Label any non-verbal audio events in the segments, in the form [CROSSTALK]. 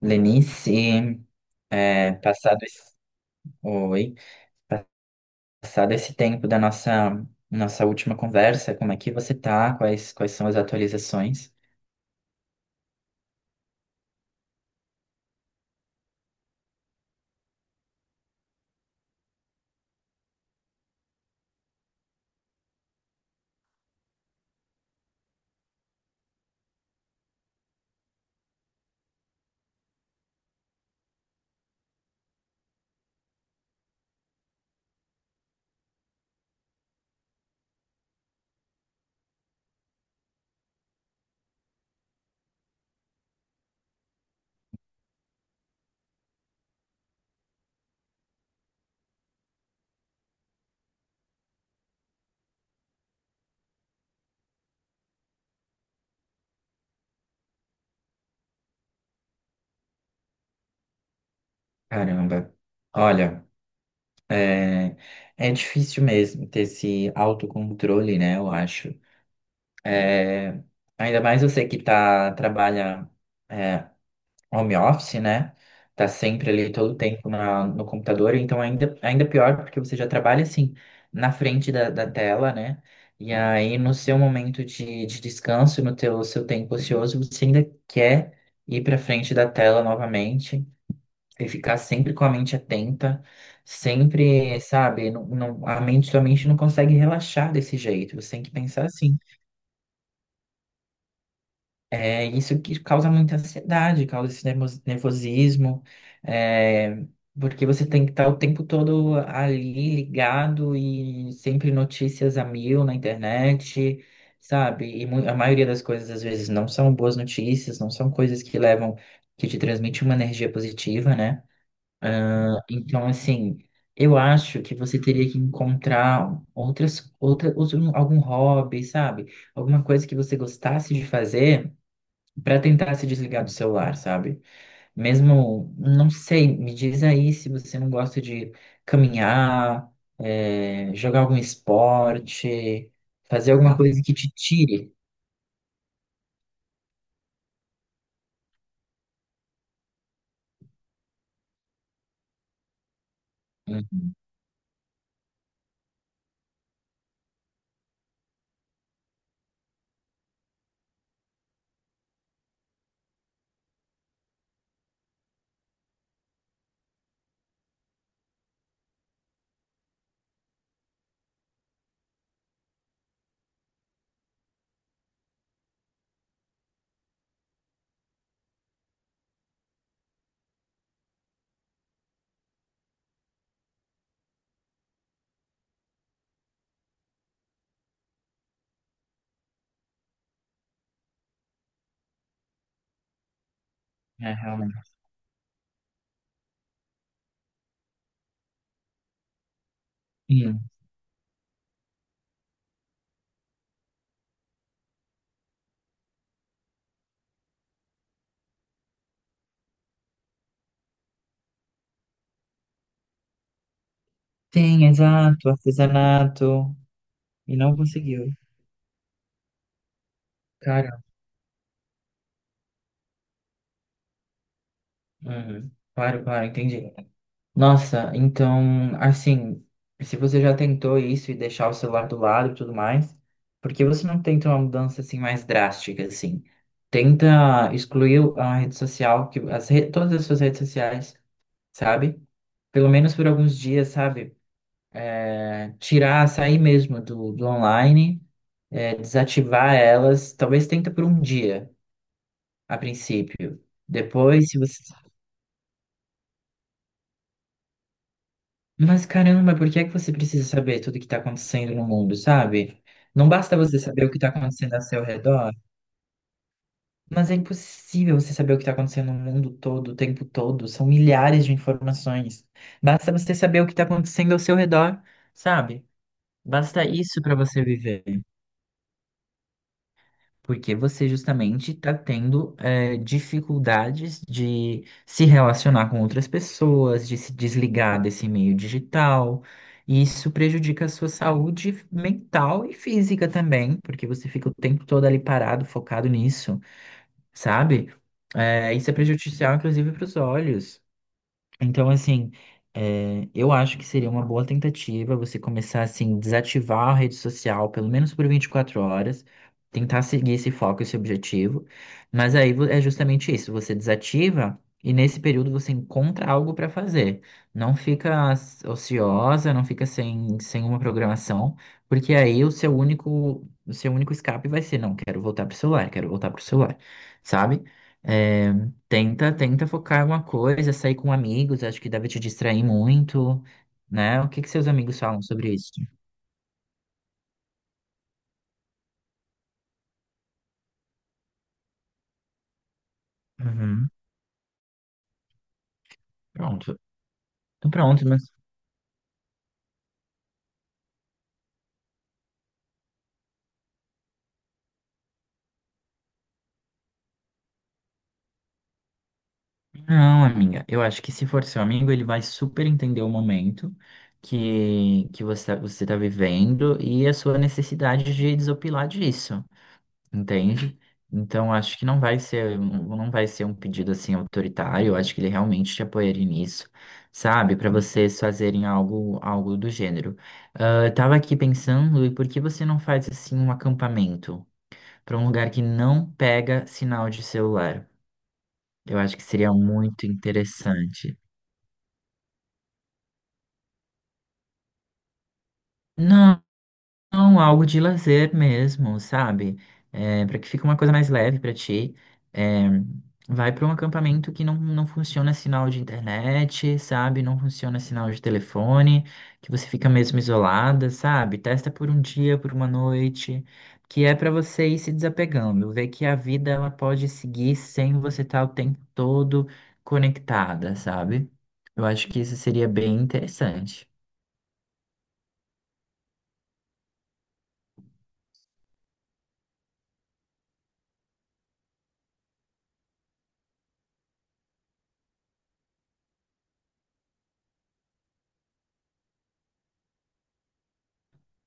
Lenice, é, passado esse, oi, passado esse tempo da nossa última conversa, como é que você tá? Quais são as atualizações? Caramba. Olha, é, é difícil mesmo ter esse autocontrole, né? Eu acho. É, Ainda mais você que tá é, home office, né? Tá sempre ali todo o tempo no computador, então ainda pior, porque você já trabalha assim na frente da tela, né? E aí no seu momento de descanso, no teu, seu tempo ocioso, você ainda quer ir para frente da tela novamente e ficar sempre com a mente atenta, sempre, sabe, sua mente não consegue relaxar desse jeito, você tem que pensar assim. É isso que causa muita ansiedade, causa esse nervosismo, é, porque você tem que estar o tempo todo ali ligado e sempre notícias a mil na internet, sabe? A maioria das coisas às vezes não são boas notícias, não são coisas que levam, que te transmitem uma energia positiva, né? Então, assim, eu acho que você teria que encontrar algum hobby, sabe? Alguma coisa que você gostasse de fazer para tentar se desligar do celular, sabe? Mesmo, não sei, me diz aí se você não gosta de caminhar, é, jogar algum esporte, fazer alguma coisa que te tire. Hum. É, realmente. Hum. Tem, exato, artesanato. E não conseguiu. Cara, uhum. Claro, claro, entendi. Nossa, então, assim, se você já tentou isso e deixar o celular do lado e tudo mais, por que você não tenta uma mudança assim mais drástica, assim? Tenta excluir a rede social, todas as suas redes sociais, sabe? Pelo menos por alguns dias, sabe? Sair mesmo do online, desativar elas, talvez tenta por um dia, a princípio. Depois, se você. Mas caramba, por que é que você precisa saber tudo que está acontecendo no mundo, sabe? Não basta você saber o que está acontecendo ao seu redor, mas é impossível você saber o que está acontecendo no mundo todo, o tempo todo. São milhares de informações. Basta você saber o que está acontecendo ao seu redor, sabe? Basta isso para você viver. Porque você justamente está tendo dificuldades de se relacionar com outras pessoas, de se desligar desse meio digital. E isso prejudica a sua saúde mental e física também, porque você fica o tempo todo ali parado, focado nisso, sabe? Isso é prejudicial, inclusive, para os olhos. Então, assim, é, eu acho que seria uma boa tentativa você começar, assim, desativar a rede social, pelo menos por 24 horas, tentar seguir esse foco, esse objetivo. Mas aí é justamente isso, você desativa e nesse período você encontra algo para fazer. Não fica ociosa, não fica sem uma programação, porque aí o seu único escape vai ser: não, quero voltar pro celular, quero voltar pro celular, sabe? Eh, tenta focar em uma coisa, sair com amigos, acho que deve te distrair muito, né? O que que seus amigos falam sobre isso? Uhum, pronto. Então, pronto, mas não, amiga. Eu acho que se for seu amigo, ele vai super entender o momento que você tá vivendo e a sua necessidade de desopilar disso. Entende? Então acho que não vai ser um pedido assim autoritário, eu acho que ele realmente te apoiaria nisso, sabe? Para vocês fazerem algo do gênero. Ah, eu tava aqui pensando, e por que você não faz assim um acampamento para um lugar que não pega sinal de celular? Eu acho que seria muito interessante. Não. Não, algo de lazer mesmo, sabe? É, para que fique uma coisa mais leve para ti. É, vai para um acampamento que não funciona sinal de internet, sabe? Não funciona sinal de telefone, que você fica mesmo isolada, sabe? Testa por um dia, por uma noite, que é para você ir se desapegando, ver que a vida ela pode seguir sem você estar o tempo todo conectada, sabe? Eu acho que isso seria bem interessante.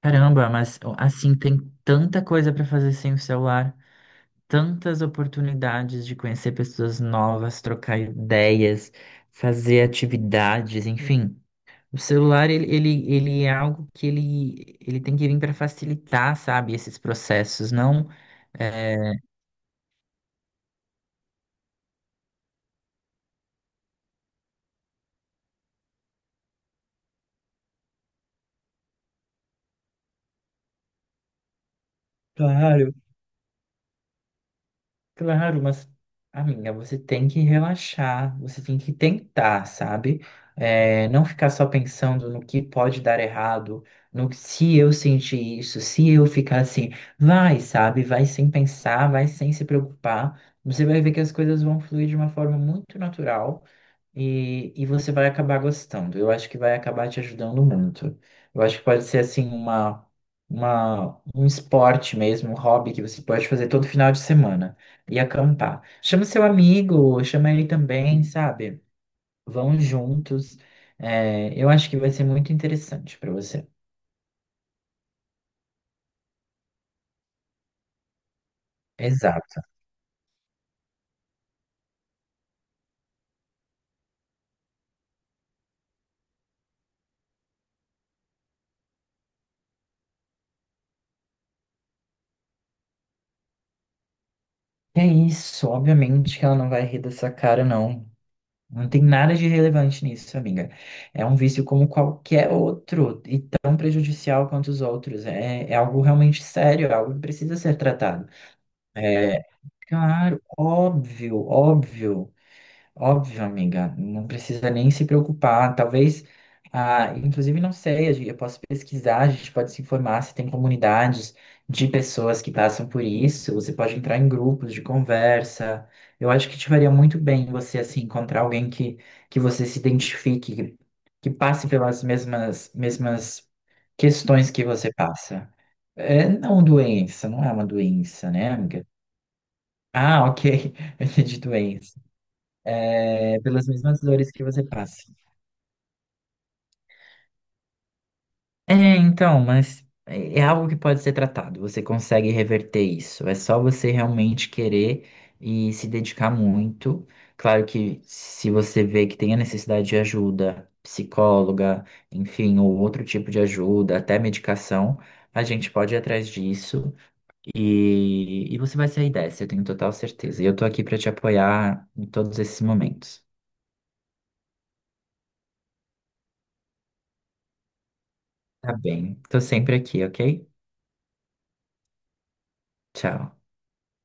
Caramba, mas ó, assim tem tanta coisa para fazer sem o celular, tantas oportunidades de conhecer pessoas novas, trocar ideias, fazer atividades, enfim. O celular ele é algo que ele tem que vir para facilitar, sabe, esses processos, não. Claro. Claro, mas, amiga, você tem que relaxar, você tem que tentar, sabe? É, não ficar só pensando no que pode dar errado, no que se eu sentir isso, se eu ficar assim, vai, sabe? Vai sem pensar, vai sem se preocupar. Você vai ver que as coisas vão fluir de uma forma muito natural. E você vai acabar gostando. Eu acho que vai acabar te ajudando muito. Eu acho que pode ser assim um esporte mesmo, um hobby que você pode fazer todo final de semana e acampar. Chama seu amigo, chama ele também, sabe? Vão juntos. É, eu acho que vai ser muito interessante para você. Exato. É isso, obviamente que ela não vai rir dessa cara, não. Não tem nada de relevante nisso, amiga. É um vício como qualquer outro e tão prejudicial quanto os outros. É algo realmente sério, é algo que precisa ser tratado. É, claro, óbvio, óbvio. Óbvio, amiga, não precisa nem se preocupar. Talvez, ah, inclusive, não sei, eu posso pesquisar, a gente pode se informar se tem comunidades de pessoas que passam por isso. Você pode entrar em grupos de conversa. Eu acho que te faria muito bem você, assim, encontrar alguém que você se identifique, que passe pelas mesmas questões que você passa. Não é uma doença, né, amiga? Ah, ok, [LAUGHS] eu entendi doença. Pelas mesmas dores que você passa. É, então, mas é algo que pode ser tratado. Você consegue reverter isso. É só você realmente querer e se dedicar muito. Claro que se você vê que tem a necessidade de ajuda, psicóloga, enfim, ou outro tipo de ajuda, até medicação, a gente pode ir atrás disso e você vai sair dessa, eu tenho total certeza. E eu tô aqui para te apoiar em todos esses momentos. Tá bem, tô sempre aqui, ok? Tchau.